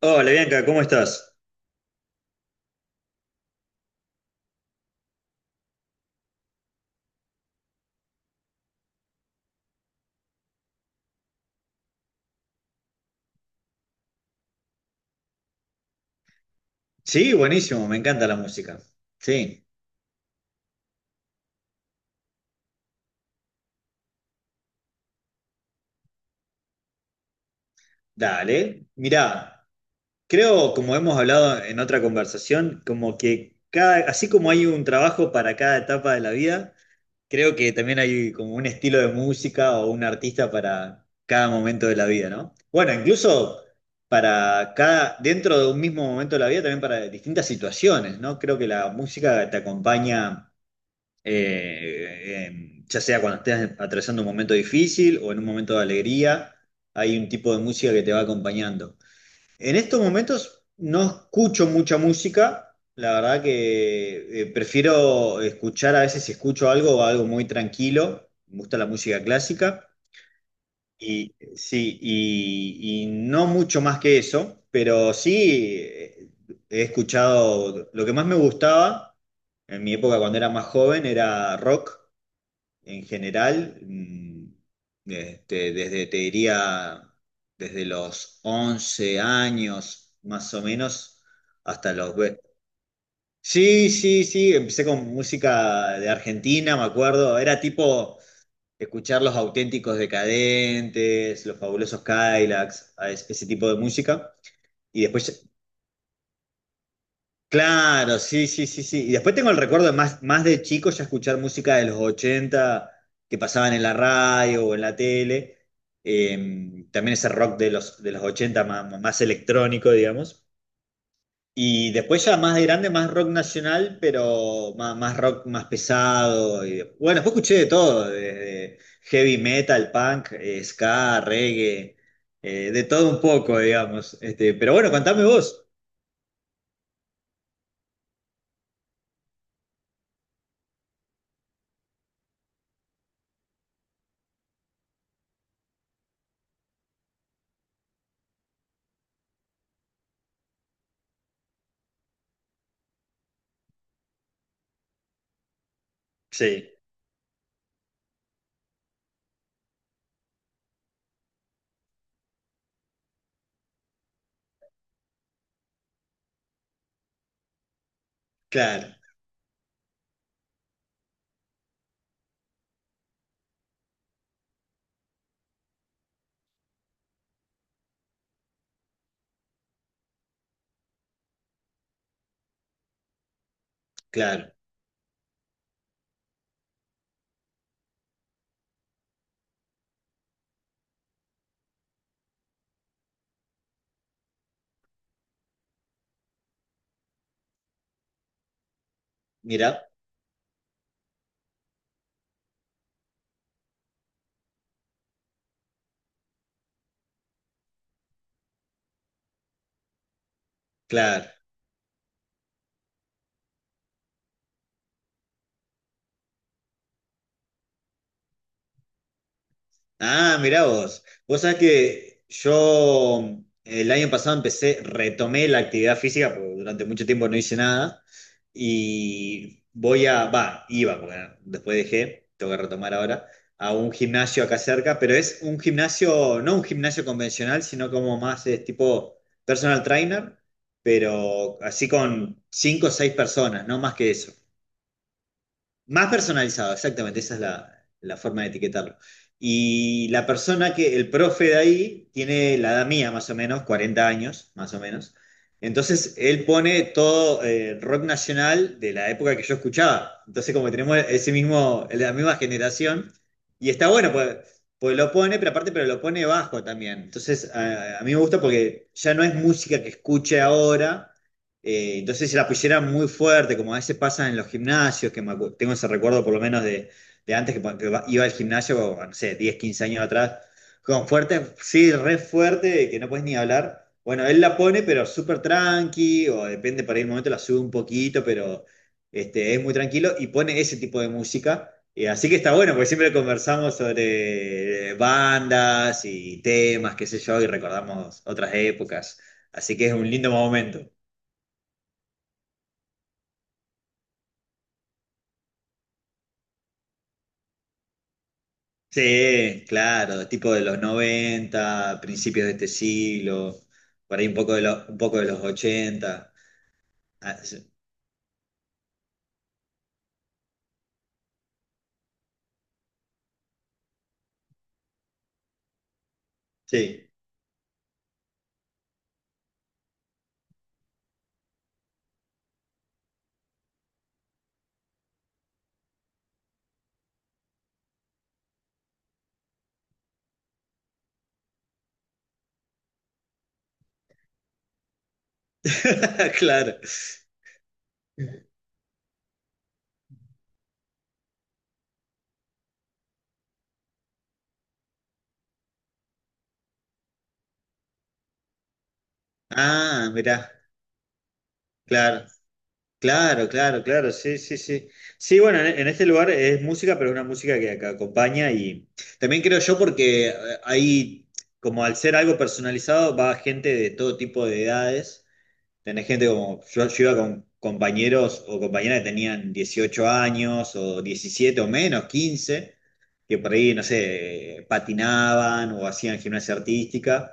Hola Bianca, ¿cómo estás? Sí, buenísimo, me encanta la música. Sí, dale. Mirá, creo, como hemos hablado en otra conversación, como que cada, así como hay un trabajo para cada etapa de la vida, creo que también hay como un estilo de música o un artista para cada momento de la vida, ¿no? Bueno, incluso para cada, dentro de un mismo momento de la vida, también para distintas situaciones, ¿no? Creo que la música te acompaña ya sea cuando estés atravesando un momento difícil o en un momento de alegría, hay un tipo de música que te va acompañando. En estos momentos no escucho mucha música, la verdad que prefiero escuchar a veces si escucho algo, algo muy tranquilo, me gusta la música clásica. Y sí, y no mucho más que eso, pero sí he escuchado, lo que más me gustaba en mi época cuando era más joven era rock, en general, este, desde, te diría, desde los 11 años más o menos hasta los. Sí, sí, sí, empecé con música de Argentina, me acuerdo, era tipo escuchar los auténticos decadentes, los fabulosos Cadillacs, ese tipo de música. Y después. Claro, sí, sí, sí, sí. Y después tengo el recuerdo de más, más de chico ya escuchar música de los 80 que pasaban en la radio o en la tele. También ese rock de los 80 más, más electrónico, digamos. Y después ya más de grande, más rock nacional, pero más, más rock más pesado. Y, bueno, después escuché de todo, desde heavy metal, punk, ska, reggae, de todo un poco, digamos. Este, pero bueno, contame vos. Sí, claro, claro. Mira, claro. Ah, mira vos. Vos sabés que yo el año pasado empecé, retomé la actividad física, porque durante mucho tiempo no hice nada, y iba, porque después dejé, tengo que retomar ahora, a un gimnasio acá cerca, pero es un gimnasio, no un gimnasio convencional, sino como más es tipo personal trainer, pero así con cinco o seis personas, no más que eso. Más personalizado, exactamente, esa es la forma de etiquetarlo. Y la persona que, el profe de ahí, tiene la edad mía, más o menos, 40 años, más o menos. Entonces, él pone todo rock nacional de la época que yo escuchaba. Entonces, como que tenemos ese mismo, la misma generación, y está bueno, pues lo pone, pero aparte, pero lo pone bajo también. Entonces, a mí me gusta porque ya no es música que escuche ahora entonces se la pusieran muy fuerte, como a veces pasa en los gimnasios, que tengo ese recuerdo por lo menos de antes que, iba al gimnasio, no sé, 10, 15 años atrás, con fuerte, sí, re fuerte, que no puedes ni hablar. Bueno, él la pone, pero súper tranqui, o depende, para el momento la sube un poquito, pero este, es muy tranquilo y pone ese tipo de música. Así que está bueno, porque siempre conversamos sobre bandas y temas, qué sé yo, y recordamos otras épocas. Así que es un lindo momento. Sí, claro, tipo de los 90, principios de este siglo, por ahí un poco un poco de los ochenta. Ah, sí, sí. Claro. Ah, mirá, claro, claro, claro, claro, sí, sí, sí. Sí, bueno, en este lugar es música, pero es una música que acompaña y también creo yo porque ahí, como al ser algo personalizado, va gente de todo tipo de edades. Tenés gente como, yo iba con compañeros o compañeras que tenían 18 años o 17 o menos, 15, que por ahí, no sé, patinaban o hacían gimnasia artística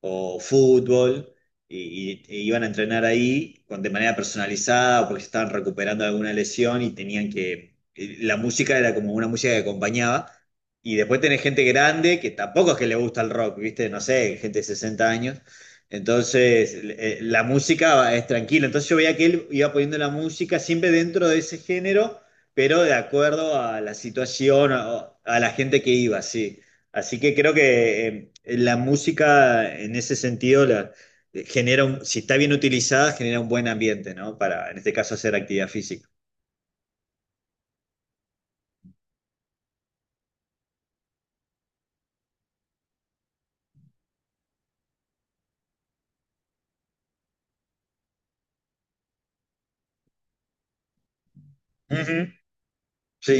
o fútbol y, e iban a entrenar ahí con, de manera personalizada o porque se estaban recuperando de alguna lesión y tenían que, y la música era como una música que acompañaba. Y después tenés gente grande que tampoco es que le gusta el rock, ¿viste? No sé, gente de 60 años, entonces, la música es tranquila. Entonces yo veía que él iba poniendo la música siempre dentro de ese género, pero de acuerdo a la situación, a la gente que iba, sí. Así que creo que la música en ese sentido si está bien utilizada, genera un buen ambiente, ¿no? Para, en este caso, hacer actividad física. Ujú. Sí.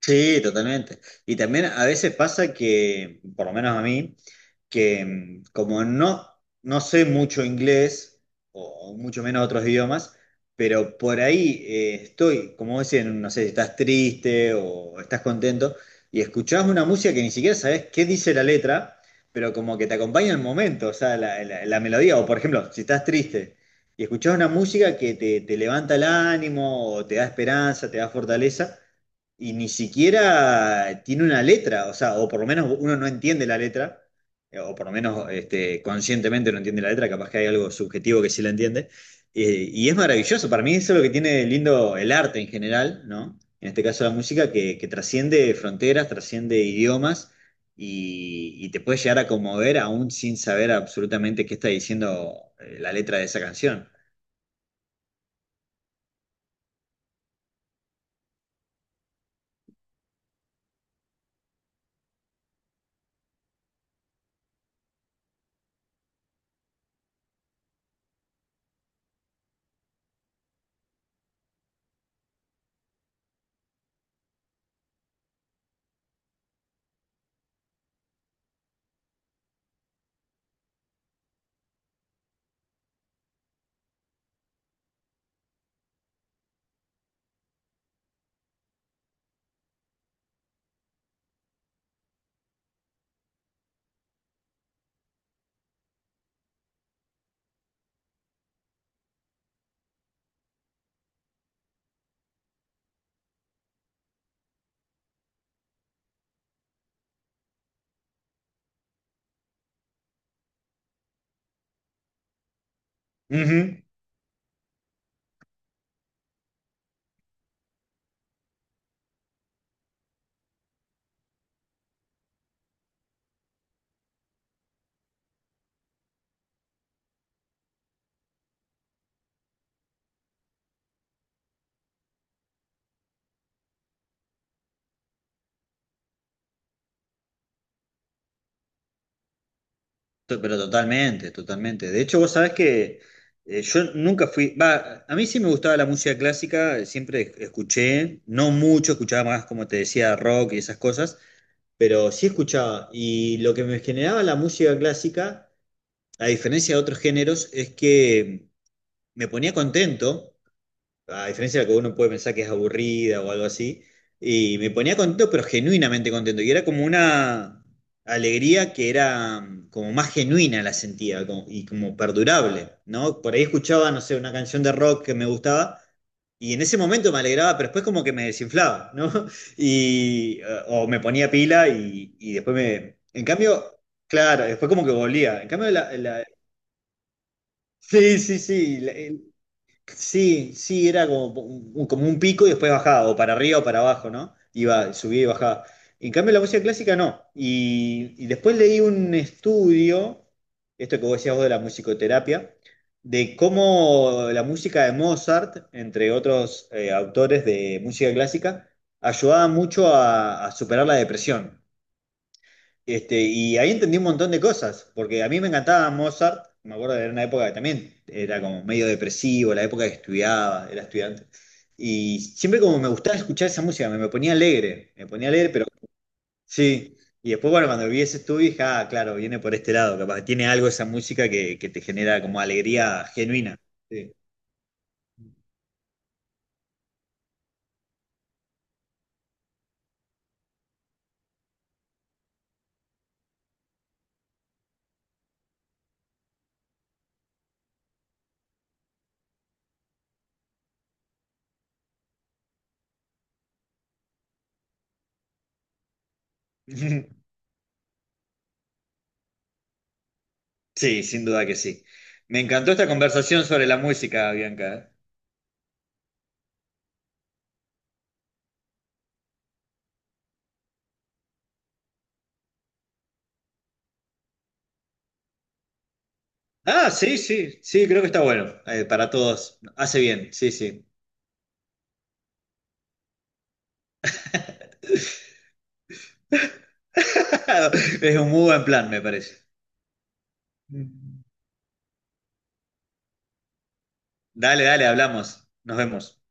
Sí, totalmente. Y también a veces pasa que, por lo menos a mí, que como no, no sé mucho inglés, o mucho menos otros idiomas, pero por ahí estoy, como dicen, no sé si estás triste o estás contento, y escuchás una música que ni siquiera sabes qué dice la letra, pero como que te acompaña el momento, o sea, la, la melodía, o por ejemplo, si estás triste y escuchás una música que te levanta el ánimo, o te da esperanza, te da fortaleza y ni siquiera tiene una letra, o sea, o por lo menos uno no entiende la letra, o por lo menos este, conscientemente no entiende la letra, capaz que hay algo subjetivo que sí la entiende, y es maravilloso, para mí eso es lo que tiene lindo el arte en general, ¿no? En este caso la música, que trasciende fronteras, trasciende idiomas, y, te puede llegar a conmover aún sin saber absolutamente qué está diciendo la letra de esa canción. Ujú. Pero totalmente, totalmente. De hecho, vos sabés que yo nunca fui, va, a mí sí me gustaba la música clásica, siempre escuché, no mucho, escuchaba más, como te decía, rock y esas cosas, pero sí escuchaba. Y lo que me generaba la música clásica, a diferencia de otros géneros, es que me ponía contento a diferencia de lo que uno puede pensar que es aburrida o algo así, y me ponía contento, pero genuinamente contento, y era como una alegría que era como más genuina la sentía y como perdurable, ¿no? Por ahí escuchaba, no sé, una canción de rock que me gustaba. Y en ese momento me alegraba, pero después como que me desinflaba, ¿no? Y, o me ponía pila y después. En cambio, claro, después como que volvía. En cambio. Sí, sí, sí. La. Sí, sí, era como un, pico y después bajaba, o para arriba o para abajo, ¿no? Iba, subía y bajaba. En cambio, la música clásica no. Y, después leí un estudio, esto que vos decías vos de la musicoterapia, de cómo la música de Mozart, entre otros autores de música clásica, ayudaba mucho a superar la depresión. Este, y ahí entendí un montón de cosas, porque a mí me encantaba Mozart, me acuerdo de una época que también era como medio depresivo, la época que estudiaba, era estudiante, y siempre como me gustaba escuchar esa música, me ponía alegre, pero sí, y después bueno, cuando vi ese estudio dije, ah, claro, viene por este lado, capaz, tiene algo esa música que te genera como alegría genuina. Sí. Sí, sin duda que sí. Me encantó esta conversación sobre la música, Bianca. ¿Eh? Ah, sí, sí, sí, creo que está bueno. Para todos. Hace bien, sí, sí. Es un muy buen plan, me parece. Dale, dale, hablamos. Nos vemos.